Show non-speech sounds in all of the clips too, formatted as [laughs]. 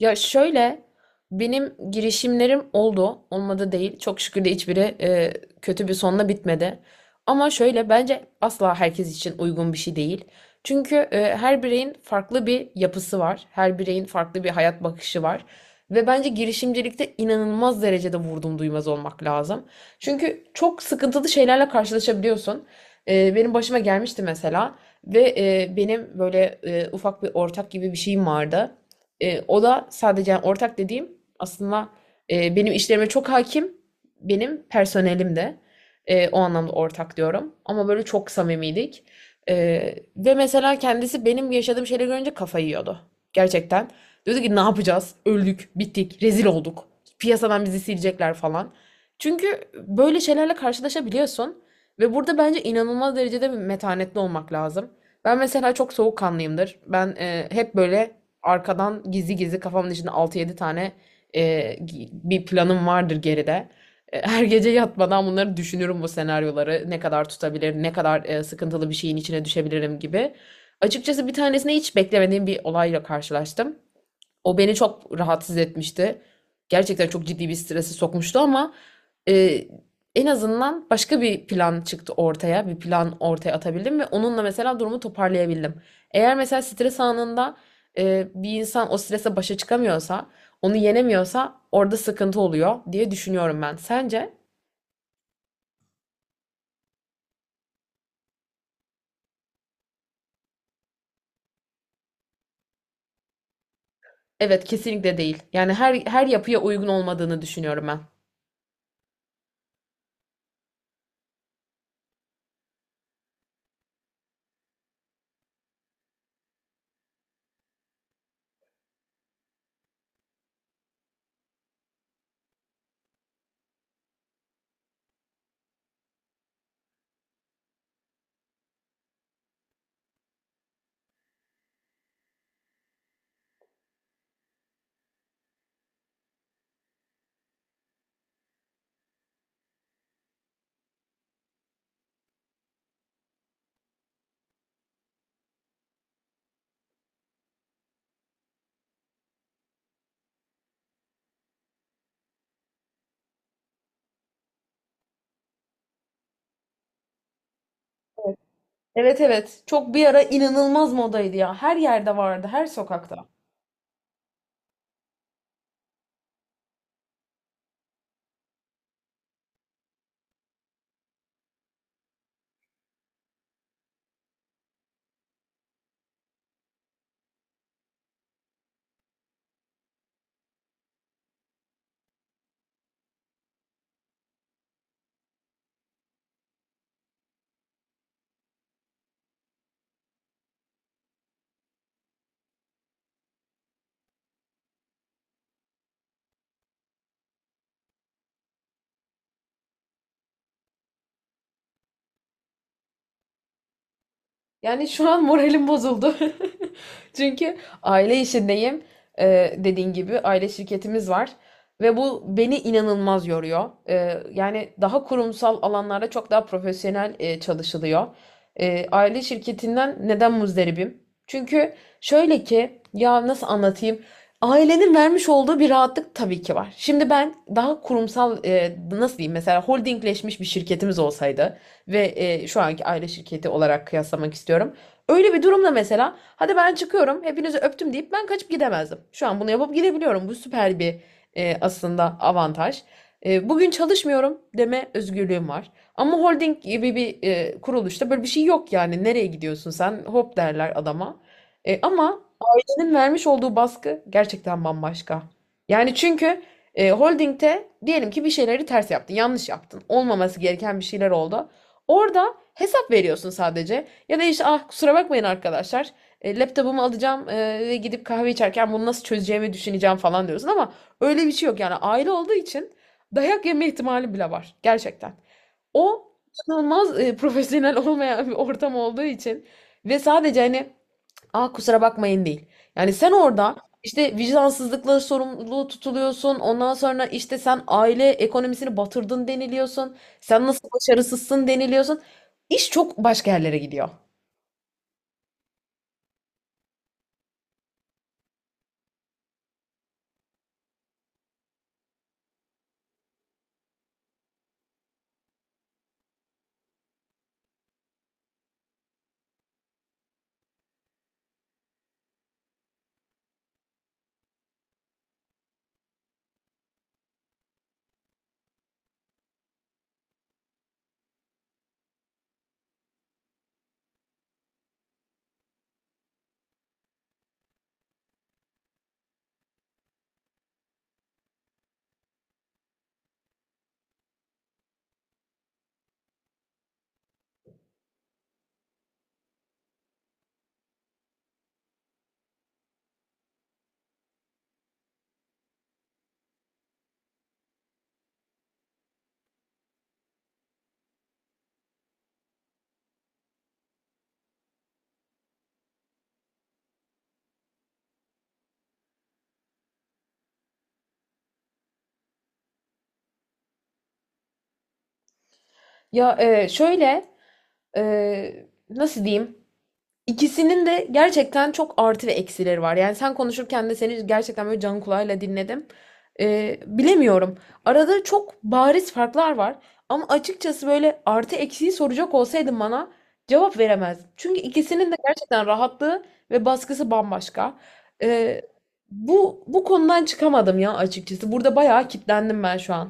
Ya şöyle benim girişimlerim oldu. Olmadı değil. Çok şükür de hiçbiri kötü bir sonla bitmedi. Ama şöyle bence asla herkes için uygun bir şey değil. Çünkü her bireyin farklı bir yapısı var. Her bireyin farklı bir hayat bakışı var. Ve bence girişimcilikte inanılmaz derecede vurdum duymaz olmak lazım. Çünkü çok sıkıntılı şeylerle karşılaşabiliyorsun. Benim başıma gelmişti mesela. Ve benim böyle ufak bir ortak gibi bir şeyim vardı. O da sadece yani ortak dediğim aslında benim işlerime çok hakim, benim personelim de. O anlamda ortak diyorum. Ama böyle çok samimiydik. E, Ve mesela kendisi benim yaşadığım şeyleri görünce kafayı yiyordu. Gerçekten. Diyordu ki ne yapacağız? Öldük, bittik, rezil olduk. Piyasadan bizi silecekler falan. Çünkü böyle şeylerle karşılaşabiliyorsun. Ve burada bence inanılmaz derecede bir metanetli olmak lazım. Ben mesela çok soğukkanlıyımdır. Ben hep böyle arkadan gizli gizli kafamın içinde 6-7 tane e, bir planım vardır geride. Her gece yatmadan bunları düşünürüm bu senaryoları. Ne kadar tutabilir, ne kadar sıkıntılı bir şeyin içine düşebilirim gibi. Açıkçası bir tanesine hiç beklemediğim bir olayla karşılaştım. O beni çok rahatsız etmişti. Gerçekten çok ciddi bir strese sokmuştu ama e, en azından başka bir plan çıktı ortaya. Bir plan ortaya atabildim ve onunla mesela durumu toparlayabildim. Eğer mesela stres anında bir insan o strese başa çıkamıyorsa, onu yenemiyorsa orada sıkıntı oluyor diye düşünüyorum ben. Sence? Evet, kesinlikle değil. Yani her yapıya uygun olmadığını düşünüyorum ben. Evet, evet. Çok bir ara inanılmaz modaydı ya. Her yerde vardı, her sokakta. Yani şu an moralim bozuldu. [laughs] Çünkü aile işindeyim. Dediğin gibi aile şirketimiz var. Ve bu beni inanılmaz yoruyor. Yani daha kurumsal alanlarda çok daha profesyonel çalışılıyor. Aile şirketinden neden muzdaribim? Çünkü şöyle ki ya nasıl anlatayım? Ailenin vermiş olduğu bir rahatlık tabii ki var. Şimdi ben daha kurumsal, nasıl diyeyim, mesela holdingleşmiş bir şirketimiz olsaydı ve şu anki aile şirketi olarak kıyaslamak istiyorum. Öyle bir durumda mesela hadi ben çıkıyorum hepinizi öptüm deyip ben kaçıp gidemezdim. Şu an bunu yapıp gidebiliyorum. Bu süper bir, aslında, avantaj. Bugün çalışmıyorum deme özgürlüğüm var. Ama holding gibi bir kuruluşta böyle bir şey yok yani. Nereye gidiyorsun sen? Hop derler adama. Ama senin vermiş olduğu baskı gerçekten bambaşka. Yani çünkü holdingde diyelim ki bir şeyleri ters yaptın, yanlış yaptın. Olmaması gereken bir şeyler oldu. Orada hesap veriyorsun sadece. Ya da işte ah kusura bakmayın arkadaşlar. Laptopumu alacağım ve gidip kahve içerken bunu nasıl çözeceğimi düşüneceğim falan diyorsun ama öyle bir şey yok. Yani aile olduğu için dayak yeme ihtimali bile var. Gerçekten. O inanılmaz, profesyonel olmayan bir ortam olduğu için ve sadece, hani, "A, kusura bakmayın." değil. Yani sen orada, işte, vicdansızlıkla sorumluluğu tutuluyorsun. Ondan sonra, işte, sen aile ekonomisini batırdın deniliyorsun. Sen nasıl başarısızsın deniliyorsun. İş çok başka yerlere gidiyor. Ya, şöyle, nasıl diyeyim? İkisinin de gerçekten çok artı ve eksileri var. Yani sen konuşurken de seni gerçekten böyle can kulağıyla dinledim. Bilemiyorum. Arada çok bariz farklar var. Ama açıkçası böyle artı eksiği soracak olsaydın bana cevap veremezdim. Çünkü ikisinin de gerçekten rahatlığı ve baskısı bambaşka. Ee, bu konudan çıkamadım ya açıkçası. Burada bayağı kitlendim ben şu an.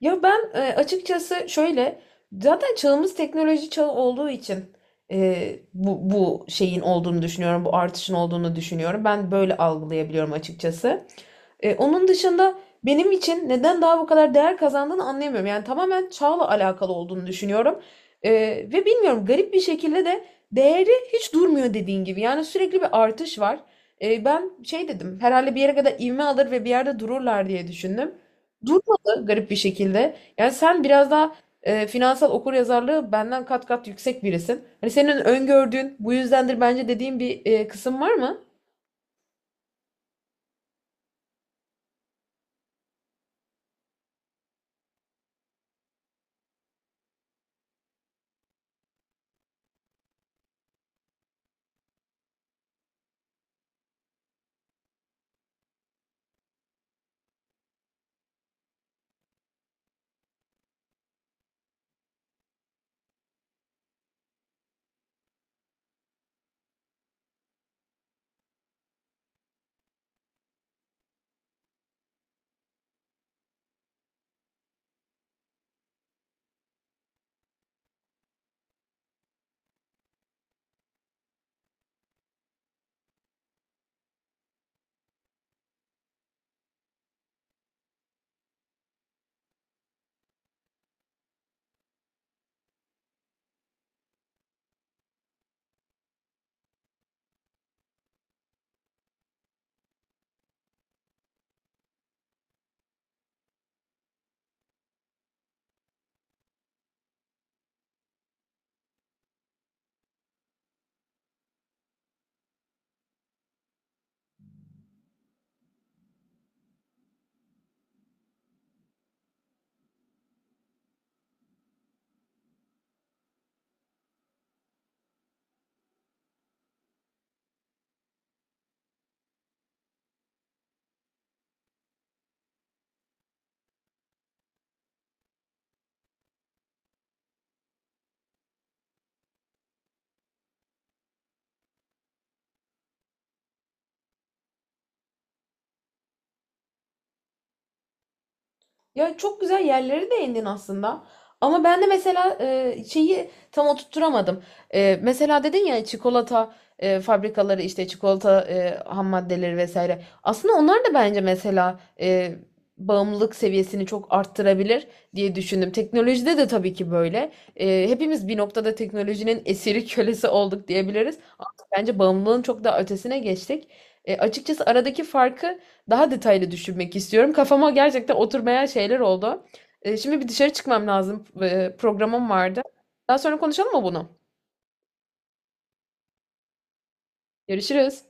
Ya ben, açıkçası, şöyle zaten çağımız teknoloji çağı olduğu için bu şeyin olduğunu düşünüyorum. Bu artışın olduğunu düşünüyorum. Ben böyle algılayabiliyorum açıkçası. Onun dışında benim için neden daha bu kadar değer kazandığını anlayamıyorum. Yani tamamen çağla alakalı olduğunu düşünüyorum. E, Ve bilmiyorum, garip bir şekilde de değeri hiç durmuyor dediğin gibi. Yani sürekli bir artış var. Ben şey dedim herhalde, bir yere kadar ivme alır ve bir yerde dururlar diye düşündüm, yaptı garip bir şekilde. Yani sen biraz daha finansal okuryazarlığı benden kat kat yüksek birisin. Hani senin öngördüğün bu yüzdendir bence dediğin bir kısım var mı? Ya çok güzel yerleri değindin aslında. Ama ben de mesela şeyi tam oturtturamadım. Mesela dedin ya çikolata fabrikaları, işte çikolata ham maddeleri vesaire. Aslında onlar da bence mesela bağımlılık seviyesini çok arttırabilir diye düşündüm. Teknolojide de tabii ki böyle. Hepimiz bir noktada teknolojinin esiri kölesi olduk diyebiliriz. Bence bağımlılığın çok daha ötesine geçtik. Açıkçası aradaki farkı daha detaylı düşünmek istiyorum. Kafama gerçekten oturmayan şeyler oldu. Şimdi bir dışarı çıkmam lazım. Programım vardı. Daha sonra konuşalım mı bunu? Görüşürüz.